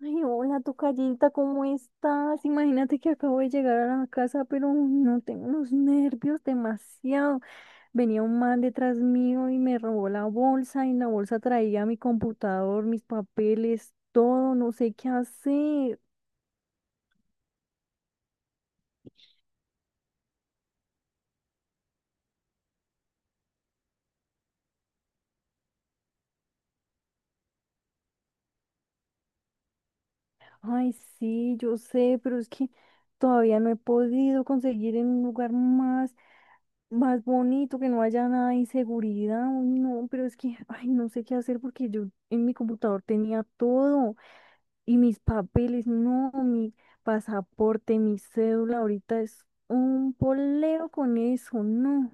Ay, hola, tocallita, ¿cómo estás? Imagínate que acabo de llegar a la casa, pero no tengo los nervios demasiado. Venía un man detrás mío y me robó la bolsa, y en la bolsa traía mi computador, mis papeles, todo, no sé qué hacer. Ay, sí, yo sé, pero es que todavía no he podido conseguir en un lugar más bonito, que no haya nada de inseguridad. Ay, no, pero es que, ay, no sé qué hacer porque yo en mi computador tenía todo. Y mis papeles, no, mi pasaporte, mi cédula, ahorita es un poleo con eso, no.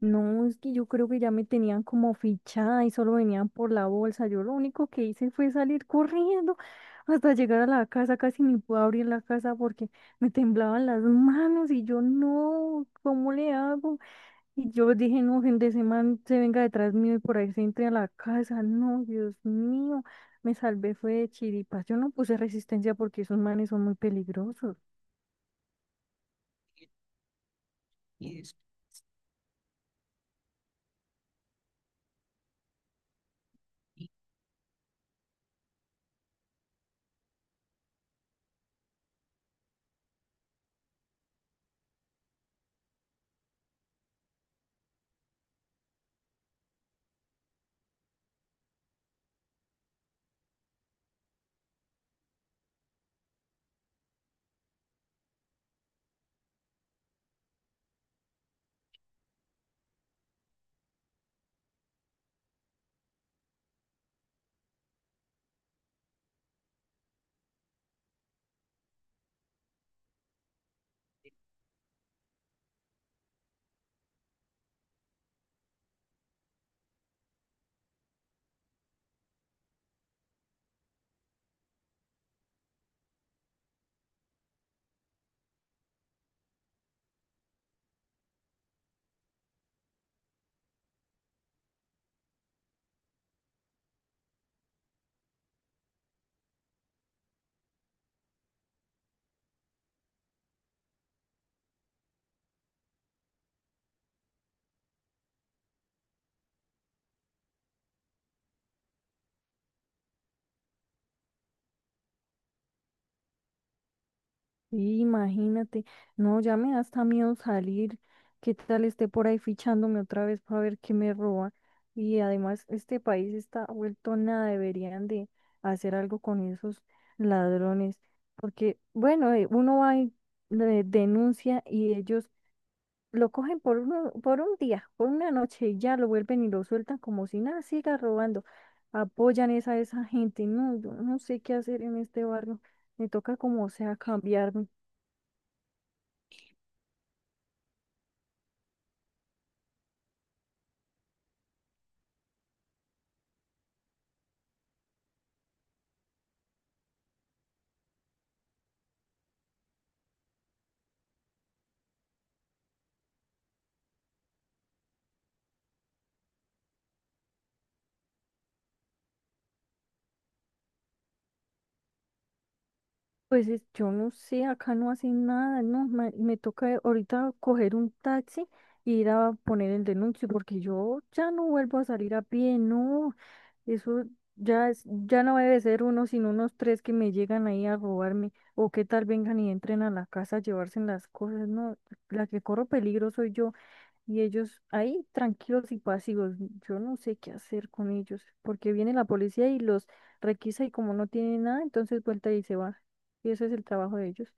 No, es que yo creo que ya me tenían como fichada y solo venían por la bolsa. Yo lo único que hice fue salir corriendo hasta llegar a la casa, casi ni pude abrir la casa porque me temblaban las manos y yo no, ¿cómo le hago? Y yo dije, no, gente, ese man se venga detrás mío y por ahí se entre a la casa. No, Dios mío, me salvé, fue de chiripas. Yo no puse resistencia porque esos manes son muy peligrosos. Sí, imagínate, no, ya me da hasta miedo salir, qué tal esté por ahí fichándome otra vez para ver qué me roba. Y además este país está vuelto nada, deberían de hacer algo con esos ladrones, porque bueno, uno va y le denuncia y ellos lo cogen por, por un día, por una noche, y ya lo vuelven y lo sueltan como si nada, siga robando. Apoyan esa, a esa gente. No, yo no sé qué hacer en este barrio. Me toca como sea cambiarme. Yo no sé, acá no hacen nada, no, me toca ahorita coger un taxi e ir a poner el denuncio porque yo ya no vuelvo a salir a pie, no. Eso ya es, ya no debe ser uno, sino unos tres que me llegan ahí a robarme, o qué tal vengan y entren a la casa a llevarse las cosas, no, la que corro peligro soy yo, y ellos ahí tranquilos y pasivos, yo no sé qué hacer con ellos, porque viene la policía y los requisa y como no tienen nada, entonces vuelta y se va, y ese es el trabajo de ellos.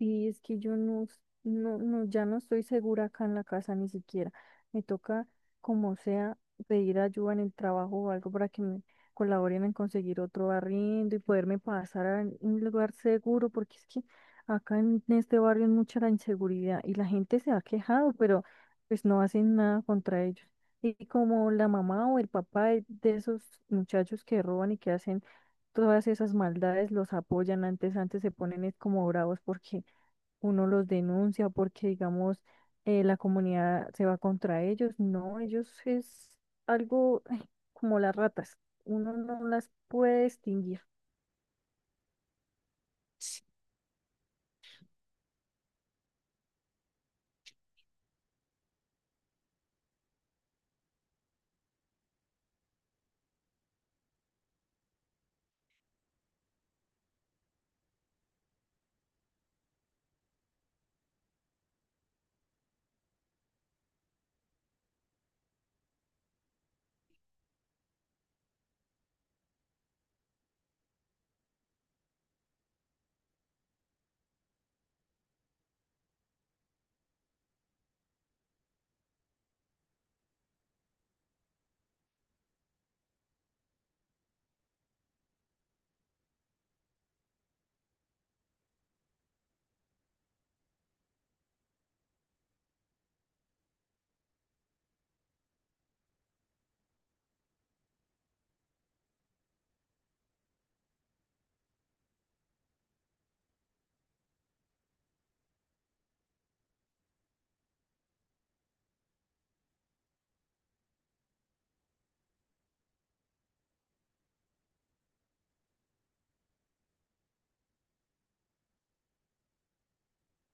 Y es que yo no, ya no estoy segura acá en la casa ni siquiera. Me toca, como sea, pedir ayuda en el trabajo o algo para que me colaboren en conseguir otro arriendo y poderme pasar a un lugar seguro, porque es que acá en este barrio es mucha la inseguridad y la gente se ha quejado, pero pues no hacen nada contra ellos. Y como la mamá o el papá de esos muchachos que roban y que hacen todas esas maldades, los apoyan antes, antes se ponen es como bravos porque uno los denuncia porque, digamos, la comunidad se va contra ellos. No, ellos es algo, ay, como las ratas. Uno no las puede distinguir.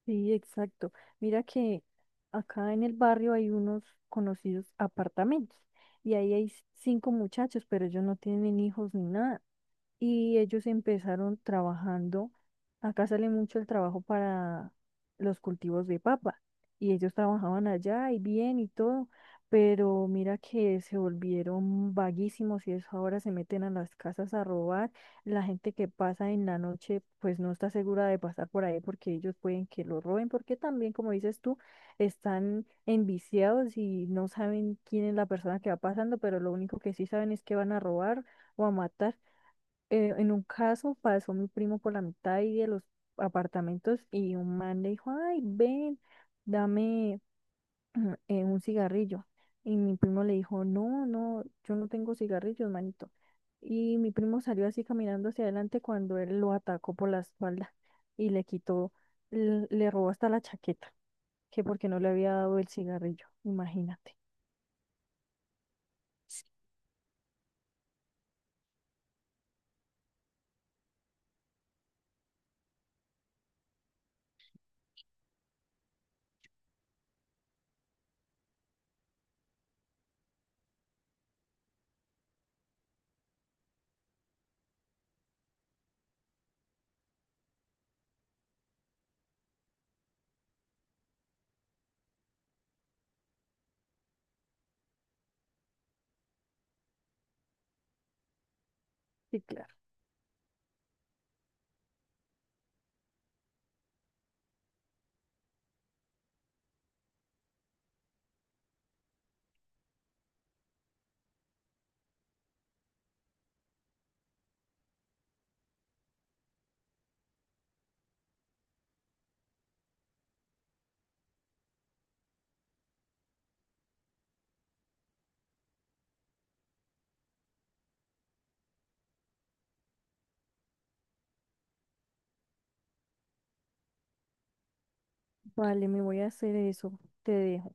Sí, exacto. Mira que acá en el barrio hay unos conocidos apartamentos y ahí hay cinco muchachos, pero ellos no tienen hijos ni nada. Y ellos empezaron trabajando. Acá sale mucho el trabajo para los cultivos de papa y ellos trabajaban allá y bien y todo, pero mira que se volvieron vaguísimos y eso ahora se meten a las casas a robar. La gente que pasa en la noche pues no está segura de pasar por ahí porque ellos pueden que lo roben porque también como dices tú están enviciados y no saben quién es la persona que va pasando, pero lo único que sí saben es que van a robar o a matar. En un caso pasó mi primo por la mitad ahí de los apartamentos y un man le dijo, ay, ven, dame, un cigarrillo. Y mi primo le dijo, no, no, yo no tengo cigarrillos, manito. Y mi primo salió así caminando hacia adelante cuando él lo atacó por la espalda y le quitó, le robó hasta la chaqueta, que porque no le había dado el cigarrillo, imagínate. Sí, claro. Vale, me voy a hacer eso. Te dejo.